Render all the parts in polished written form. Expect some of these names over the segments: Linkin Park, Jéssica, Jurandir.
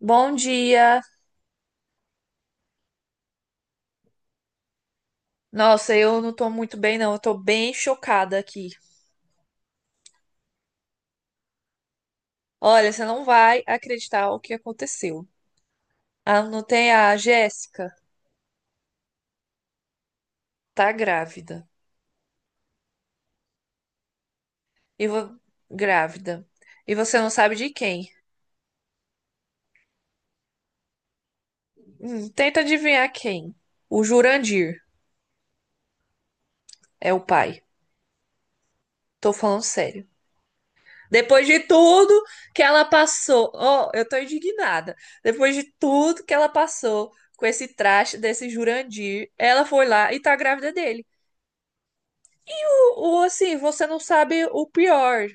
Bom dia. Nossa, eu não tô muito bem, não. Eu tô bem chocada aqui. Olha, você não vai acreditar o que aconteceu. Ah, não tem a Jéssica? Tá grávida. E vo... Grávida. E você não sabe de quem? Tenta adivinhar quem. O Jurandir é o pai. Tô falando sério. Depois de tudo que ela passou. Oh, eu tô indignada. Depois de tudo que ela passou com esse traste desse Jurandir, ela foi lá e tá grávida dele. O, assim, você não sabe o pior.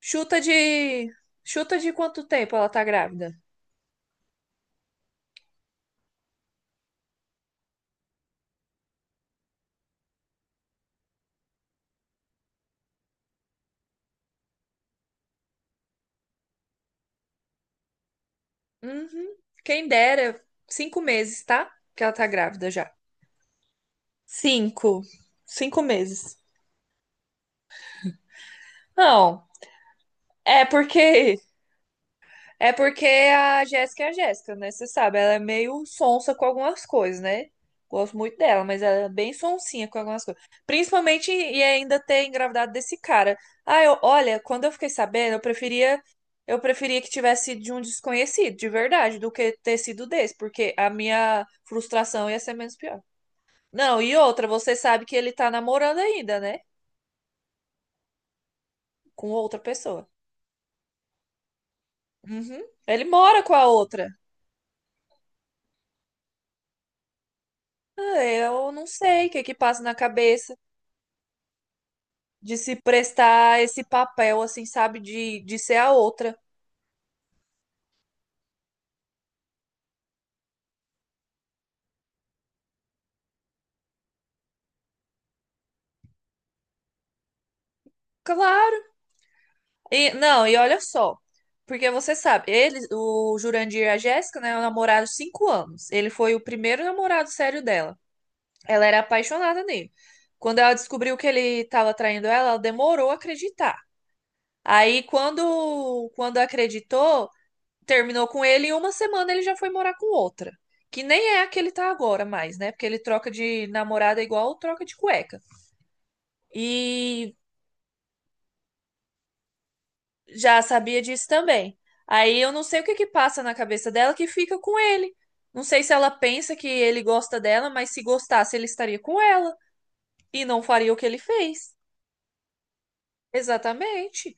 Chuta de. Chuta de quanto tempo ela tá grávida? Uhum. Quem dera, 5 meses, tá? Que ela tá grávida já. Cinco. 5 meses. Não, é porque É porque a Jéssica é a Jéssica, né? Você sabe, ela é meio sonsa com algumas coisas, né? Gosto muito dela, mas ela é bem sonsinha com algumas coisas. Principalmente e ainda ter engravidado desse cara. Ah, olha, quando eu fiquei sabendo, eu preferia que tivesse sido de um desconhecido, de verdade, do que ter sido desse, porque a minha frustração ia ser menos pior. Não, e outra, você sabe que ele tá namorando ainda, né? Com outra pessoa. Uhum. Ele mora com a outra. Ah, eu não sei o que que passa na cabeça de se prestar esse papel, assim, sabe? De ser a outra. Claro. E, não, e olha só. Porque você sabe, eles, o Jurandir e a Jéssica, né, namoraram 5 anos. Ele foi o primeiro namorado sério dela. Ela era apaixonada nele. Quando ela descobriu que ele estava traindo ela, ela demorou a acreditar. Aí, quando acreditou, terminou com ele e uma semana ele já foi morar com outra. Que nem é a que ele tá agora mais, né? Porque ele troca de namorada igual troca de cueca. E já sabia disso também. Aí eu não sei o que que passa na cabeça dela que fica com ele. Não sei se ela pensa que ele gosta dela, mas se gostasse, ele estaria com ela e não faria o que ele fez. Exatamente.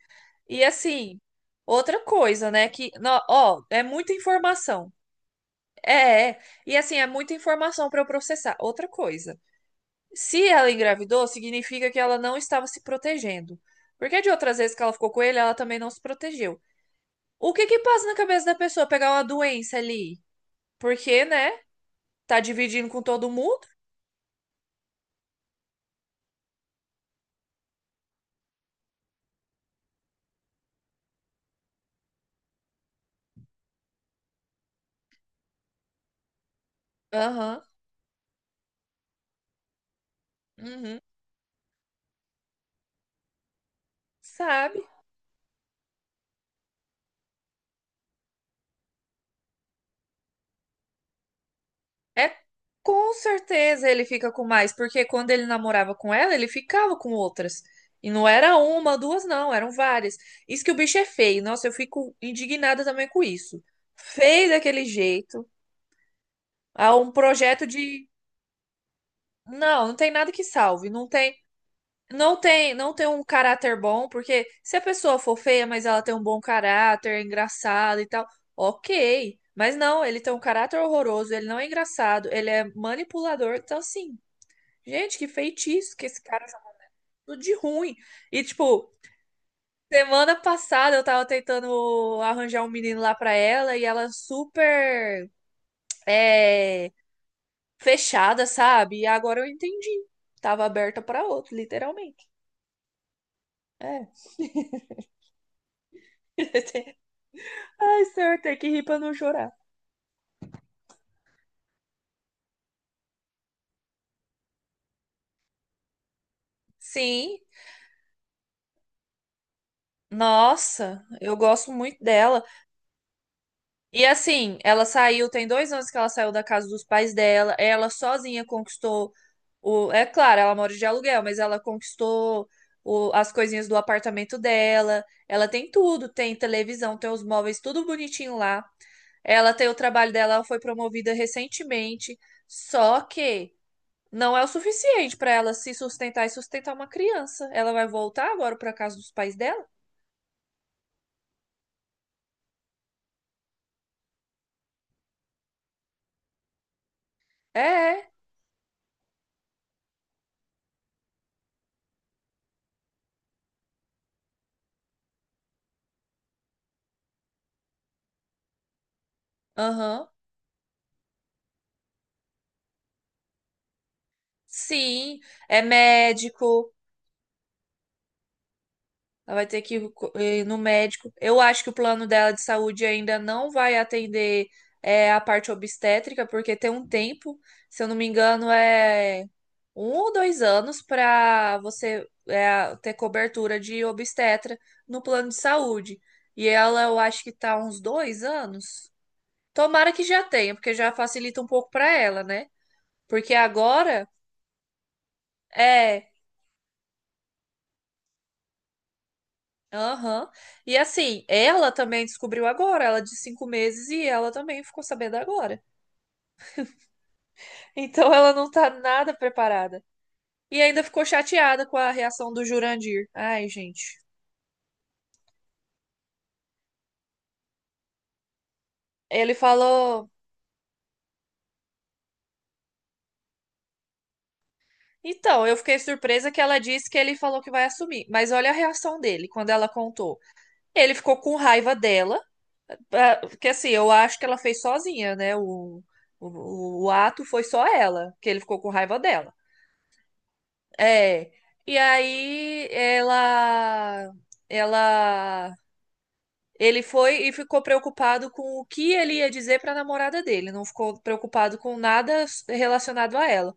E assim, outra coisa, né, ó, é muita informação. É, é. E assim, é muita informação para eu processar. Outra coisa. Se ela engravidou, significa que ela não estava se protegendo. Porque de outras vezes que ela ficou com ele, ela também não se protegeu. O que que passa na cabeça da pessoa pegar uma doença ali? Porque, né? Tá dividindo com todo mundo? Aham. Uhum. Sabe? É com certeza ele fica com mais, porque quando ele namorava com ela, ele ficava com outras. E não era uma, duas, não, eram várias. Isso que o bicho é feio. Nossa, eu fico indignada também com isso. Feio daquele jeito. Há um projeto de. Não, não tem nada que salve. Não tem. Não tem, não tem um caráter bom, porque se a pessoa for feia, mas ela tem um bom caráter, é engraçada e tal, ok. Mas não, ele tem um caráter horroroso, ele não é engraçado, ele é manipulador. Então, assim, gente, que feitiço que esse cara joga tudo de ruim. E, tipo, semana passada eu tava tentando arranjar um menino lá pra ela e ela super é, fechada, sabe? E agora eu entendi. Tava aberta pra outro, literalmente. É. Ai, senhor, tem que rir pra não chorar. Sim, nossa, eu gosto muito dela. E assim, ela saiu, tem 2 anos que ela saiu da casa dos pais dela. Ela sozinha conquistou o. É claro, ela mora de aluguel, mas ela conquistou as coisinhas do apartamento dela. Ela tem tudo, tem televisão, tem os móveis, tudo bonitinho lá. Ela tem o trabalho dela, ela foi promovida recentemente. Só que não é o suficiente pra ela se sustentar e sustentar uma criança. Ela vai voltar agora pra casa dos pais dela? É, é. Aham. Sim, é médico. Ela vai ter que ir no médico. Eu acho que o plano dela de saúde ainda não vai atender a parte obstétrica, porque tem um tempo, se eu não me engano, é 1 ou 2 anos para você ter cobertura de obstetra no plano de saúde. E ela, eu acho que tá uns 2 anos. Tomara que já tenha, porque já facilita um pouco para ela, né? Porque agora é, aham. E assim, ela também descobriu agora, ela de 5 meses e ela também ficou sabendo agora. Então ela não tá nada preparada. E ainda ficou chateada com a reação do Jurandir. Ai, gente. Ele falou. Então, eu fiquei surpresa que ela disse que ele falou que vai assumir. Mas olha a reação dele quando ela contou. Ele ficou com raiva dela. Ah, porque assim, eu acho que ela fez sozinha, né? O ato foi só ela, que ele ficou com raiva dela. É. E aí ela, ele foi e ficou preocupado com o que ele ia dizer pra namorada dele. Não ficou preocupado com nada relacionado a ela.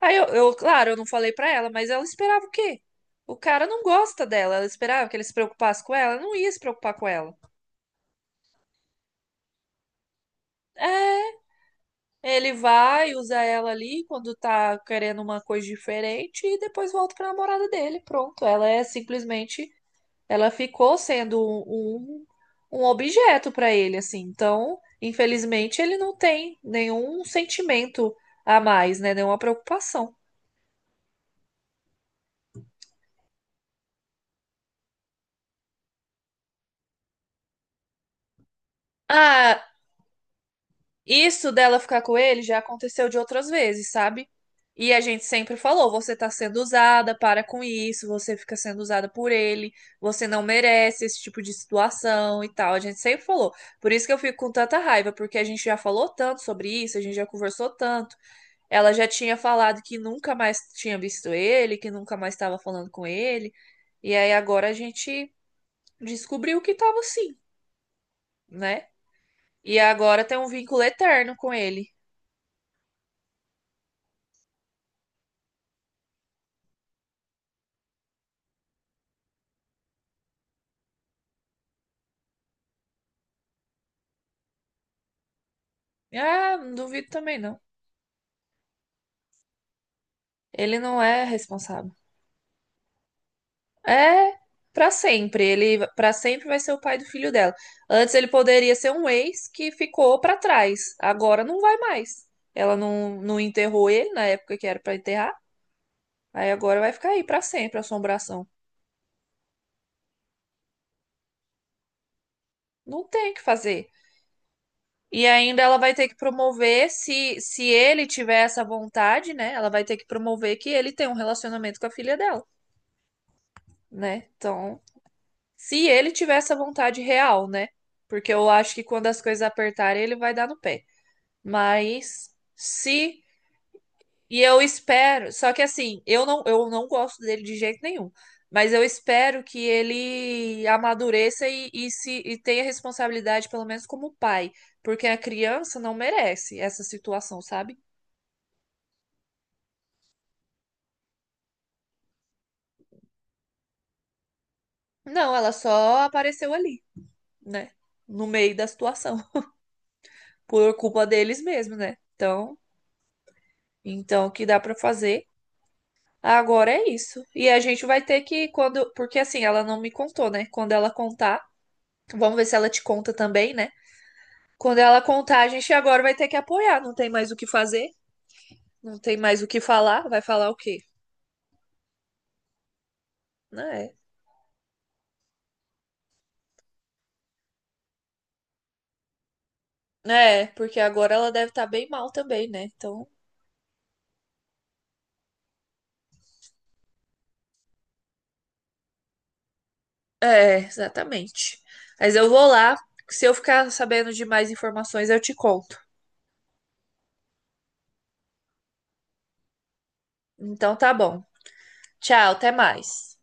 Aí claro, eu não falei pra ela, mas ela esperava o quê? O cara não gosta dela. Ela esperava que ele se preocupasse com ela. Não ia se preocupar com ela. É, ele vai, usa ela ali quando tá querendo uma coisa diferente e depois volta pra namorada dele. Pronto, ela é simplesmente, ela ficou sendo um objeto pra ele, assim. Então, infelizmente, ele não tem nenhum sentimento a mais, né? Nenhuma preocupação. Ah, isso dela ficar com ele já aconteceu de outras vezes, sabe? E a gente sempre falou: você tá sendo usada, para com isso, você fica sendo usada por ele, você não merece esse tipo de situação e tal. A gente sempre falou. Por isso que eu fico com tanta raiva, porque a gente já falou tanto sobre isso, a gente já conversou tanto. Ela já tinha falado que nunca mais tinha visto ele, que nunca mais estava falando com ele. E aí agora a gente descobriu que tava sim, né? E agora tem um vínculo eterno com ele. É, não duvido também não. Ele não é responsável. É pra sempre. Ele pra sempre vai ser o pai do filho dela. Antes ele poderia ser um ex que ficou pra trás. Agora não vai mais. Ela não enterrou ele na época que era pra enterrar. Aí agora vai ficar aí pra sempre a assombração. Não tem o que fazer. E ainda ela vai ter que promover se ele tiver essa vontade, né? Ela vai ter que promover que ele tem um relacionamento com a filha dela, né? Então se ele tiver essa vontade real, né? Porque eu acho que quando as coisas apertarem, ele vai dar no pé. Mas se. E eu espero. Só que assim, eu não gosto dele de jeito nenhum. Mas eu espero que ele amadureça e se, e tenha responsabilidade, pelo menos como pai. Porque a criança não merece essa situação, sabe? Não, ela só apareceu ali, né? No meio da situação. Por culpa deles mesmo, né? Então, então o que dá pra fazer? Agora é isso. E a gente vai ter que quando, porque assim, ela não me contou, né? Quando ela contar, vamos ver se ela te conta também, né? Quando ela contar, a gente agora vai ter que apoiar, não tem mais o que fazer, não tem mais o que falar, vai falar o quê? Né? É, porque agora ela deve estar bem mal também, né? Então, é, exatamente. Mas eu vou lá, se eu ficar sabendo de mais informações, eu te conto. Então tá bom. Tchau, até mais.